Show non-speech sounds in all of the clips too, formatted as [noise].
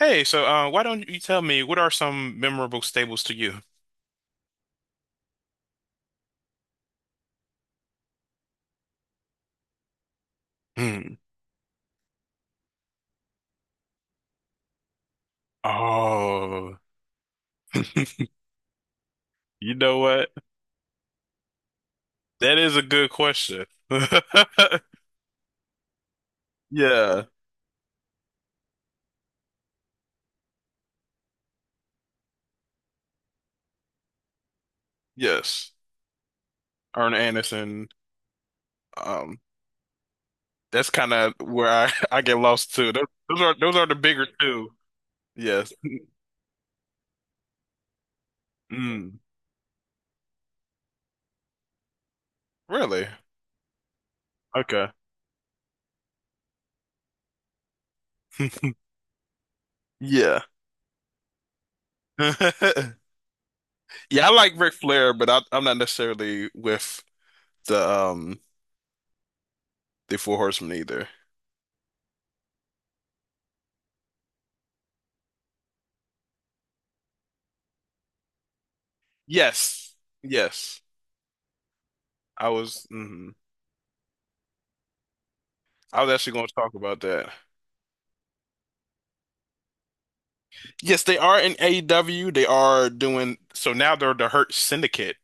Hey, so why don't you tell me what are some memorable stables to you? Hmm. Oh, [laughs] you know what? That is a good question. [laughs] Yeah, yes. Arne Anderson. Um, that's kind of where I, [laughs] I get lost too. Those are the bigger two. Yes. [laughs] Mm, really? Okay. [laughs] Yeah. [laughs] Yeah, I like Ric Flair, but I'm not necessarily with the um the Four Horsemen either. Yes. Yes. I was Mhm. I was actually going to talk about that. Yes, they are in AEW. They are doing so now they're the Hurt Syndicate.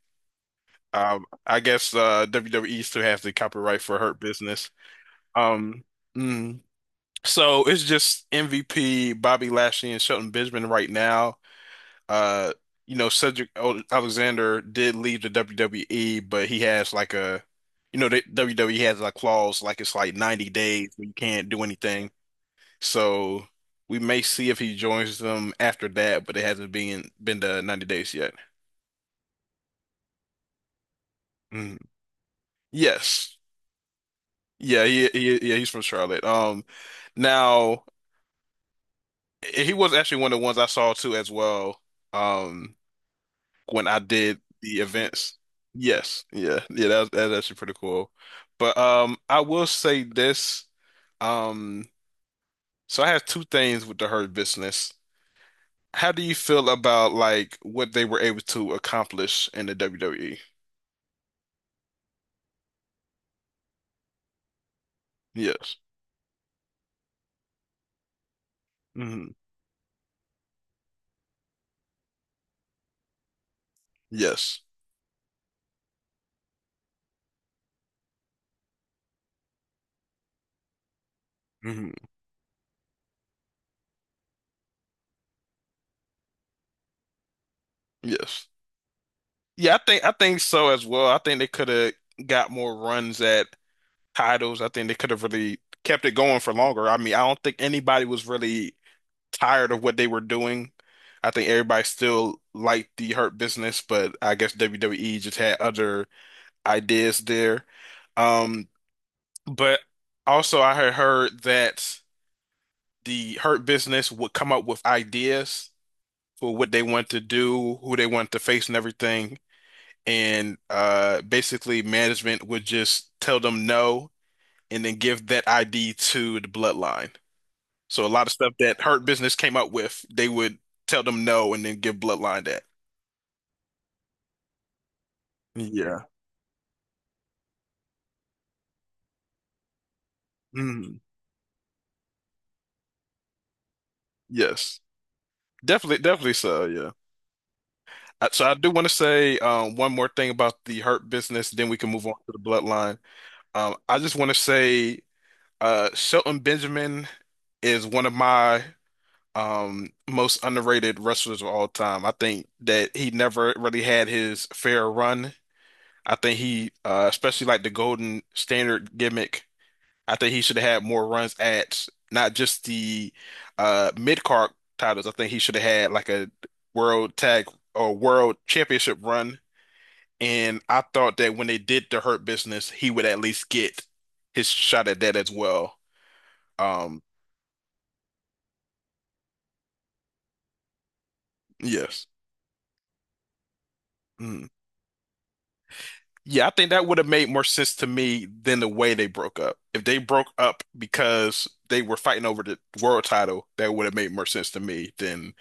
I guess WWE still has the copyright for Hurt Business. Um mm. So it's just MVP, Bobby Lashley and Shelton Benjamin right now. Uh you know Cedric Alexander did leave the WWE, but he has like a you know the WWE has like clause like it's like 90 days where you can't do anything. So we may see if he joins them after that, but it hasn't been the 90 days yet. Mm. Yes. Yeah, he yeah, he's from Charlotte. Now he was actually one of the ones I saw too as well. Um when I did the events. Yes. Yeah. Yeah, that's actually pretty cool. But I will say this. Um so I have two things with the Hurt Business. How do you feel about like what they were able to accomplish in the WWE? Yes. Hmm. Yes. Hmm. Yes. Yeah, I think so as well. I think they could have got more runs at titles. I think they could have really kept it going for longer. I mean, I don't think anybody was really tired of what they were doing. I think everybody still liked the Hurt Business, but I guess WWE just had other ideas there. Um, but also I had heard that the Hurt Business would come up with ideas for what they want to do, who they want to face, and everything. And basically, management would just tell them no and then give that ID to the bloodline. So a lot of stuff that Hurt Business came up with, they would tell them no and then give bloodline that. Yeah. Mhm. Yes. Definitely, definitely so, yeah. So I do want to say one more thing about the Hurt Business, then we can move on to the bloodline. I just want to say Shelton Benjamin is one of my most underrated wrestlers of all time. I think that he never really had his fair run. I think he especially like the Golden Standard gimmick. I think he should have had more runs at not just the mid-card titles. I think he should have had like a world tag or world championship run. And I thought that when they did the Hurt Business, he would at least get his shot at that as well. Um yes. Mm. Yeah, I think that would have made more sense to me than the way they broke up. If they broke up because they were fighting over the world title, that would have made more sense to me than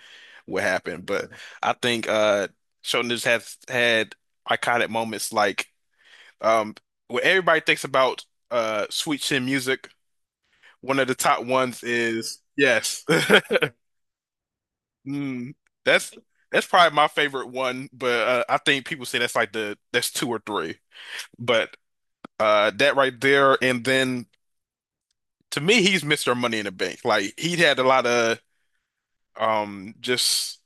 what happened. But I think Shonen just has had iconic moments like um when everybody thinks about Sweet Chin Music, one of the top ones is, yes. [laughs] Mm, that's that's probably my favorite one, but I think people say that's like the that's two or three. But that right there, and then to me, he's Mr. Money in the Bank. Like he had a lot of just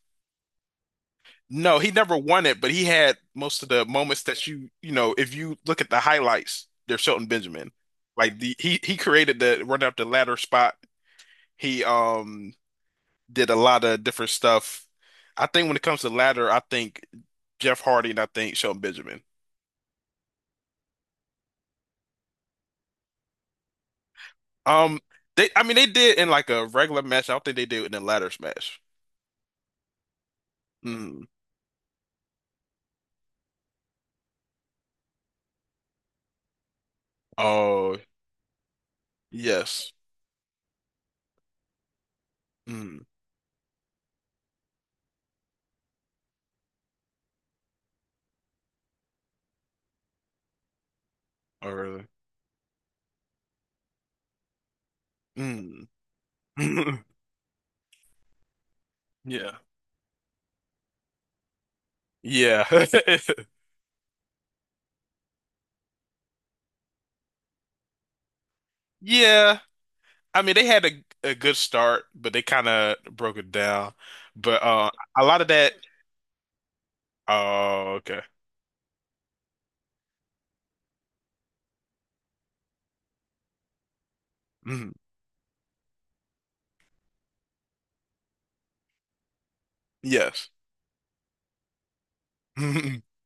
no, he never won it, but he had most of the moments that if you look at the highlights, they're Shelton Benjamin. Like the he created the run up the ladder spot. He did a lot of different stuff. I think when it comes to ladder, I think Jeff Hardy and I think Shelton Benjamin. Um, they I mean they did in like a regular match. I don't think they did in a ladder smash. Mm. Oh, yes. Mm. Oh, really? Mm. [laughs] Yeah. Yeah. [laughs] Yeah. I mean, they had a good start, but they kind of broke it down. But a lot of that. Oh, okay. Hmm. Yes. [laughs]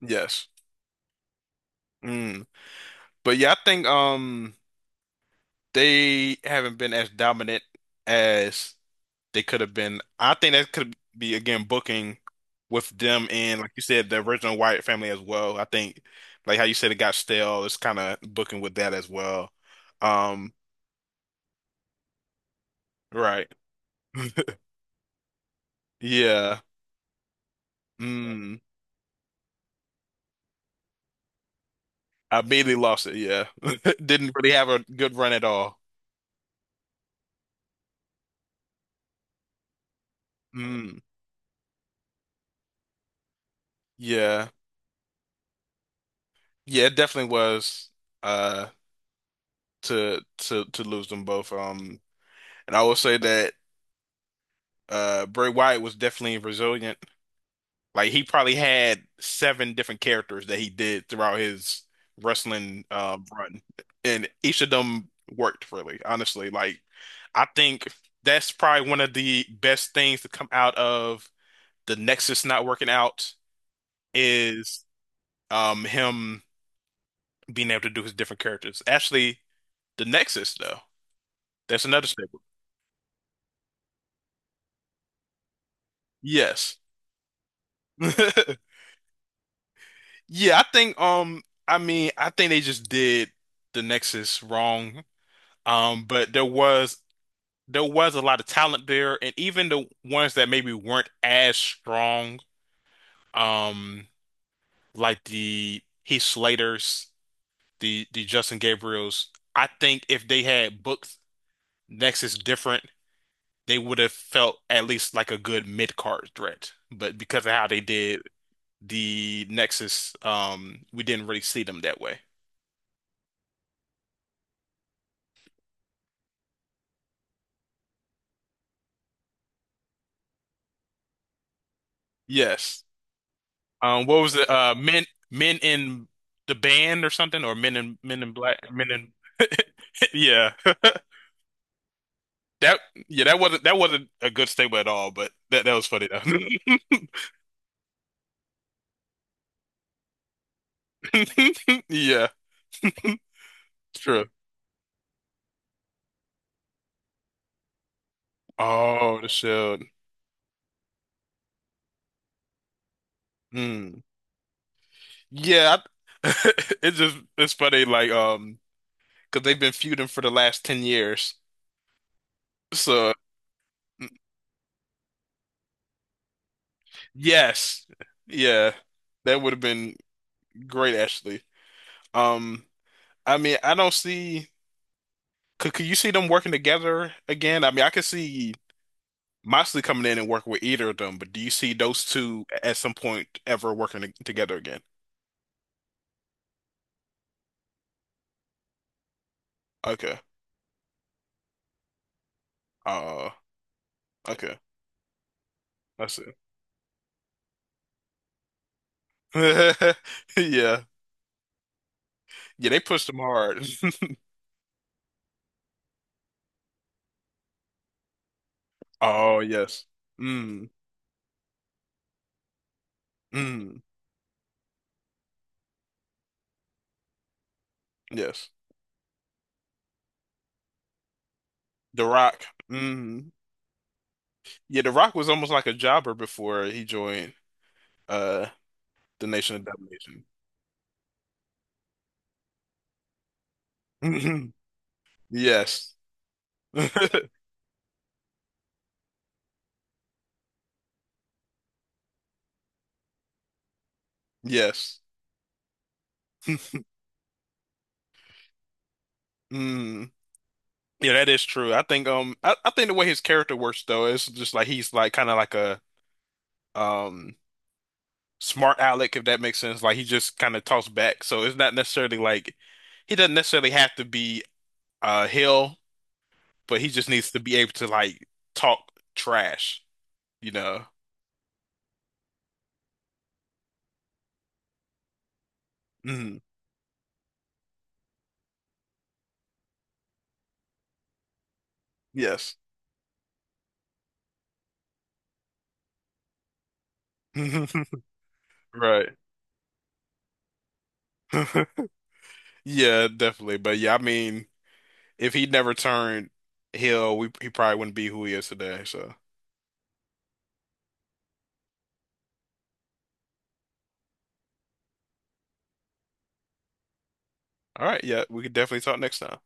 Yes. Mm. But yeah, I think they haven't been as dominant as they could have been. I think that could be again booking with them and like you said, the original Wyatt family as well. I think like how you said it got stale. It's kind of booking with that as well. Um, right. [laughs] Yeah. Mm. I immediately lost it. Yeah. [laughs] Didn't really have a good run at all. Mm. Yeah. Yeah, it definitely was uh to lose them both. And I will say that Bray Wyatt was definitely resilient. Like he probably had seven different characters that he did throughout his wrestling run, and each of them worked really, honestly. Like I think that's probably one of the best things to come out of the Nexus not working out is him being able to do his different characters. Actually, the Nexus though, that's another staple. Yes. [laughs] Yeah, I mean I think they just did the Nexus wrong. But there was a lot of talent there, and even the ones that maybe weren't as strong, um, like the Heath Slaters, the Justin Gabriels. I think if they had booked Nexus different, they would have felt at least like a good mid-card threat. But because of how they did the Nexus, we didn't really see them that way. Yes. What was it? Men in the band or something, or men in black, men in. [laughs] Yeah. [laughs] That yeah, that wasn't a good statement at all, but that was funny though. [laughs] Yeah, true. Oh, the shield. Hmm. Yeah, I- [laughs] it's just it's funny like because they've been feuding for the last 10 years. So yes. Yeah. That would have been great actually. Um I mean, I don't see could you see them working together again? I mean, I could see Moxley coming in and working with either of them, but do you see those two at some point ever working together again? Okay. Uh, okay. That's it. [laughs] Yeah. Yeah, they pushed them hard. [laughs] Oh, yes. Mm, mm, yes. The Rock. Mm. Yeah, The Rock was almost like a jobber before he joined uh the Nation of Domination. [laughs] Yes. [laughs] Yes. [laughs] Mm. Yeah, that is true. I think the way his character works though is just like he's like kind of like a um smart aleck if that makes sense. Like he just kind of talks back. So it's not necessarily like he doesn't necessarily have to be Hill, but he just needs to be able to like talk trash, you know. Hmm. Yes. [laughs] Right. [laughs] Yeah, definitely. But yeah, I mean, if he never turned Hill, we he probably wouldn't be who he is today. So, all right, yeah, we could definitely talk next time.